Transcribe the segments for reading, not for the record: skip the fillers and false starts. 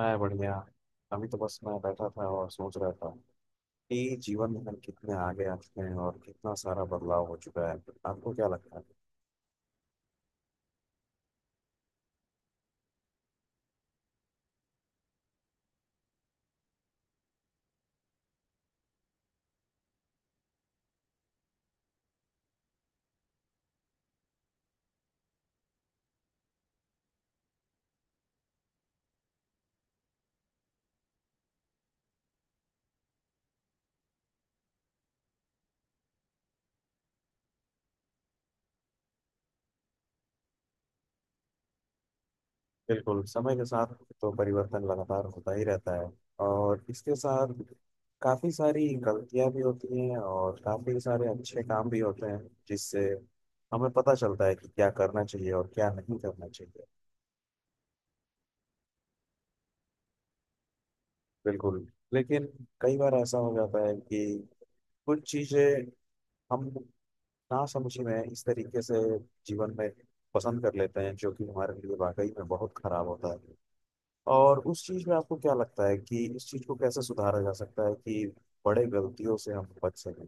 मैं बढ़िया। अभी तो बस मैं बैठा था और सोच रहा था कि जीवन में हम कितने आगे आ चुके हैं और कितना सारा बदलाव हो चुका है। आपको क्या लगता है? बिल्कुल, समय के साथ तो परिवर्तन लगातार होता ही रहता है और इसके साथ काफ़ी सारी गलतियां भी होती हैं और काफ़ी सारे अच्छे काम भी होते हैं, जिससे हमें पता चलता है कि क्या करना चाहिए और क्या नहीं करना चाहिए। बिल्कुल। लेकिन कई बार ऐसा हो जाता है कि कुछ चीज़ें हम ना समझी में इस तरीके से जीवन में पसंद कर लेते हैं जो कि हमारे लिए वाकई में बहुत खराब होता है। और उस चीज में आपको क्या लगता है कि इस चीज को कैसे सुधारा जा सकता है कि बड़े गलतियों से हम बच सकें?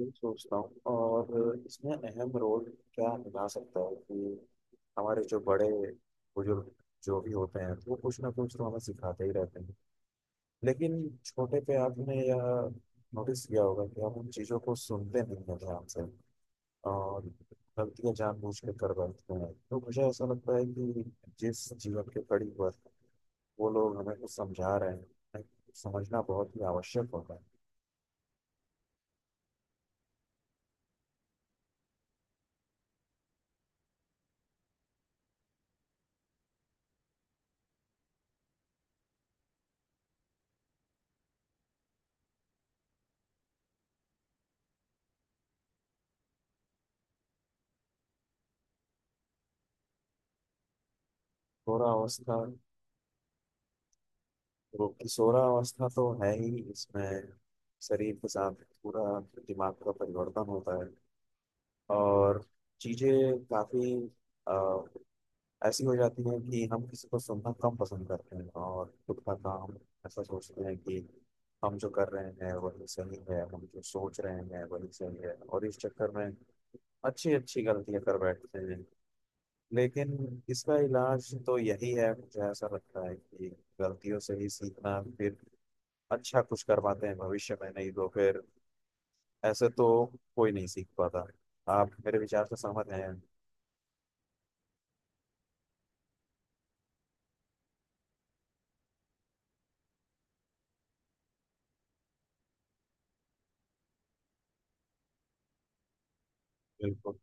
ये सोचता हूँ, और इसमें अहम रोल क्या निभा सकता है कि हमारे जो बड़े बुजुर्ग जो भी होते हैं वो कुछ ना कुछ तो हमें सिखाते ही रहते हैं। लेकिन छोटे पे आपने यह नोटिस किया होगा कि हम उन चीज़ों को सुनते नहीं हैं ध्यान से, और गलतियाँ जानबूझ के कर बैठते हैं। तो मुझे ऐसा लगता है कि जिस जीवन के कड़ी पर वो लोग हमें कुछ समझा रहे हैं, हमें समझना बहुत ही आवश्यक होता है। सोरा अवस्था। सोरा अवस्था तो है ही इसमें। शरीर के साथ पूरा दिमाग का परिवर्तन होता है, और चीजें काफी ऐसी हो जाती है कि हम किसी को सुनना कम पसंद करते हैं और खुद का काम ऐसा सोचते हैं कि हम जो कर रहे हैं वही सही है, हम जो सोच रहे हैं वही सही है। और इस चक्कर में अच्छी अच्छी गलतियां कर बैठते हैं। लेकिन इसका इलाज तो यही है, मुझे ऐसा लगता है कि गलतियों से ही सीखना, फिर अच्छा कुछ कर पाते हैं भविष्य में, नहीं तो फिर ऐसे तो कोई नहीं सीख पाता। आप मेरे विचार से सहमत हैं? बिल्कुल।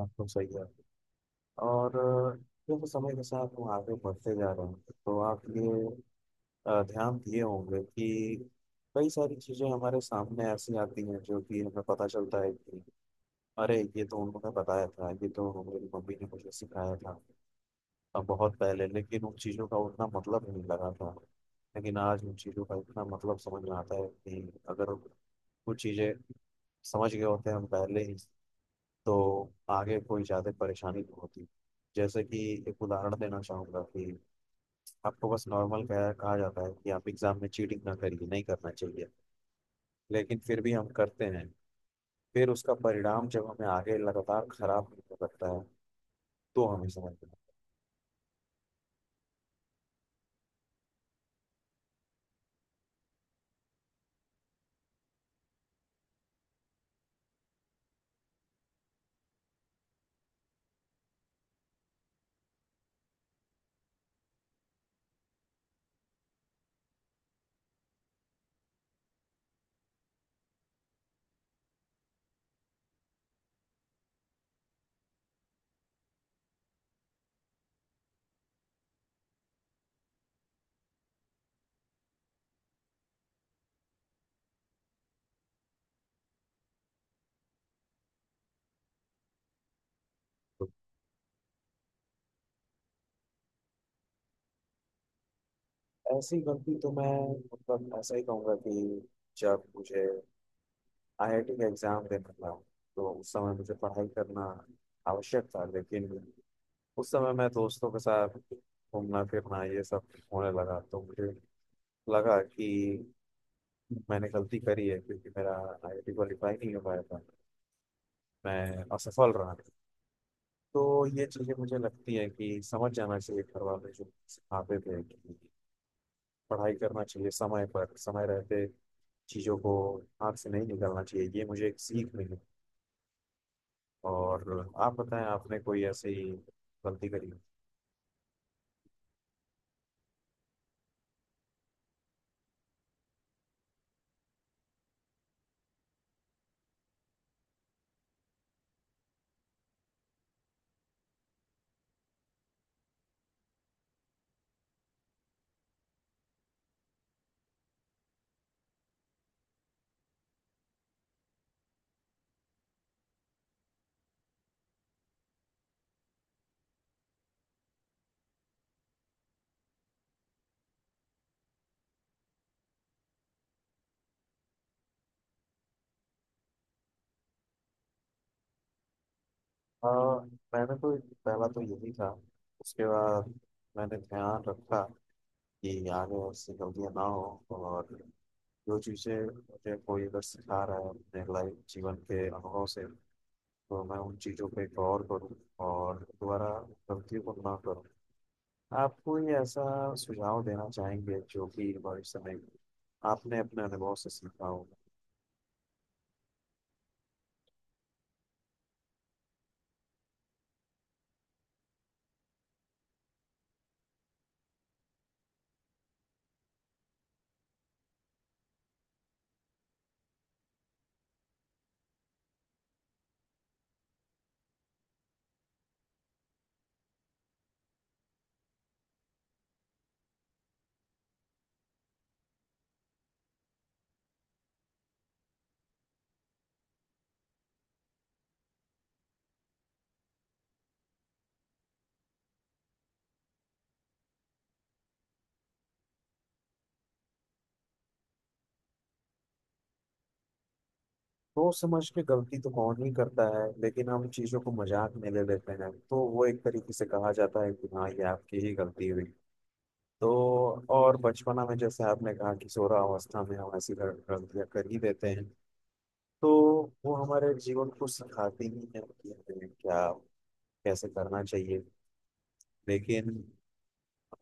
आपको सही है। और देखो, समय के साथ हम आगे बढ़ते जा रहे हैं, तो आप ये ध्यान दिए होंगे कि कई सारी चीज़ें हमारे सामने ऐसी आती हैं जो कि हमें पता चलता है कि अरे, ये तो उन्होंने बताया था, ये तो हमारी मम्मी ने मुझे सिखाया था बहुत पहले, लेकिन उन चीज़ों का उतना मतलब नहीं लगा था। लेकिन आज उन चीज़ों का इतना मतलब समझ में आता है कि अगर कुछ चीज़ें समझ गए होते हैं हम पहले ही, तो आगे कोई ज़्यादा परेशानी नहीं होती। जैसे कि एक उदाहरण देना चाहूँगा कि आपको बस नॉर्मल कहा कहा जाता है कि आप एग्ज़ाम में चीटिंग ना करिए, नहीं करना चाहिए। लेकिन फिर भी हम करते हैं। फिर उसका परिणाम जब हमें आगे लगातार खराब होने लगता है, तो हमें समझना है। तो ऐसी गलती तो मैं, मतलब ऐसा ही कहूँगा कि जब मुझे आईआईटी का एग्ज़ाम देना था, तो उस समय मुझे पढ़ाई करना आवश्यक था। लेकिन उस समय मैं दोस्तों के साथ घूमना फिरना ये सब होने लगा, तो मुझे लगा कि मैंने गलती करी है, क्योंकि मेरा आईआईटी क्वालिफाई नहीं हो पाया था। मैं असफल रहा। तो ये चीज़ें मुझे लगती है कि समझ जाना चाहिए, घर वाले जो सिखाते थे कि पढ़ाई करना चाहिए समय पर, समय रहते चीज़ों को हाथ से नहीं निकालना चाहिए। ये मुझे एक सीख मिली। और आप बताएं, आपने कोई ऐसी गलती करी? हाँ, मैंने तो पहला तो यही था। उसके बाद मैंने ध्यान रखा कि आगे उससे गलतियाँ ना हो, और जो चीज़ें मुझे कोई अगर सिखा रहा है अपने लाइफ जीवन के अनुभव से, तो मैं उन चीज़ों पे गौर करूँ और दोबारा गलतियों को ना करूँ। आप कोई ऐसा सुझाव देना चाहेंगे जो कि भविष्य में आपने अपने अनुभव से सीखा हो? सोच समझ के गलती तो कौन ही करता है, लेकिन हम चीजों को मजाक में ले लेते हैं, तो वो एक तरीके से कहा जाता है कि हाँ ये आपकी ही गलती हुई। तो और बचपना में, जैसे आपने कहा कि किशोरावस्था में हम ऐसी गलतियां कर ही देते हैं, तो वो हमारे जीवन को सिखाती ही है कि हमें क्या, कैसे करना चाहिए। लेकिन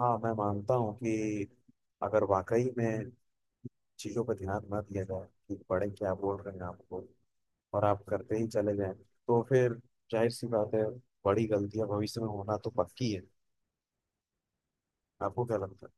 हाँ, मैं मानता हूँ कि अगर वाकई में चीजों पर ध्यान न दिया जाए कि बड़े क्या बोल रहे हैं आपको, और आप करते ही चले जाएं, तो फिर जाहिर सी बात है, बड़ी गलतियां भविष्य में होना तो पक्की है। आपको क्या लगता है?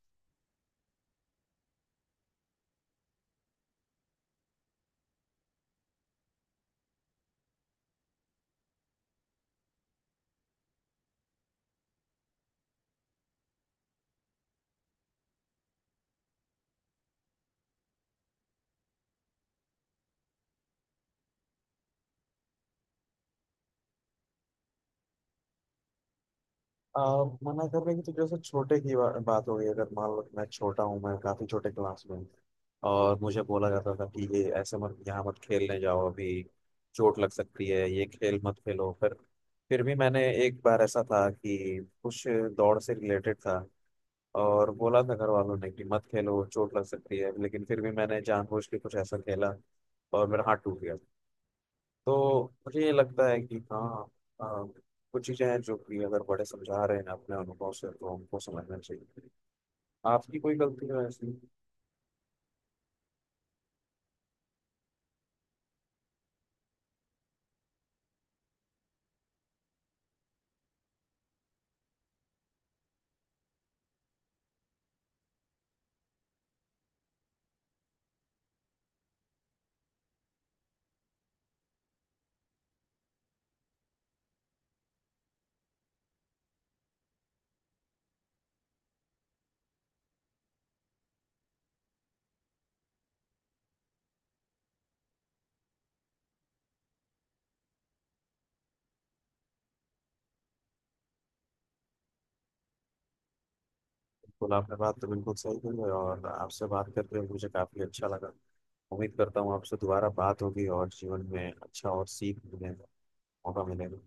आ, मना करने की तो, जैसे छोटे की बात हो गई। अगर मान लो मैं छोटा हूँ, मैं काफी छोटे क्लास में हूँ, और मुझे बोला जाता था कि ये ऐसे मत, यहाँ मत खेलने जाओ अभी, चोट लग सकती है, ये खेल मत खेलो। फिर भी मैंने, एक बार ऐसा था कि कुछ दौड़ से रिलेटेड था, और बोला था घर वालों ने कि मत खेलो, चोट लग सकती है, लेकिन फिर भी मैंने जानबूझ के कुछ ऐसा खेला, और मेरा हाथ टूट गया। तो मुझे ये लगता है कि हाँ, आ, कुछ चीज़ें हैं जो कि अगर बड़े समझा रहे हैं अपने अनुभव से, तो हमको समझना चाहिए। आपकी कोई गलती है ऐसी? बिल्कुल, आपने बात तो बिल्कुल सही की है, और आपसे बात करके मुझे काफ़ी अच्छा लगा। उम्मीद करता हूँ आपसे दोबारा बात होगी और जीवन में अच्छा और सीख मिलेगा, मौका मिलेगा।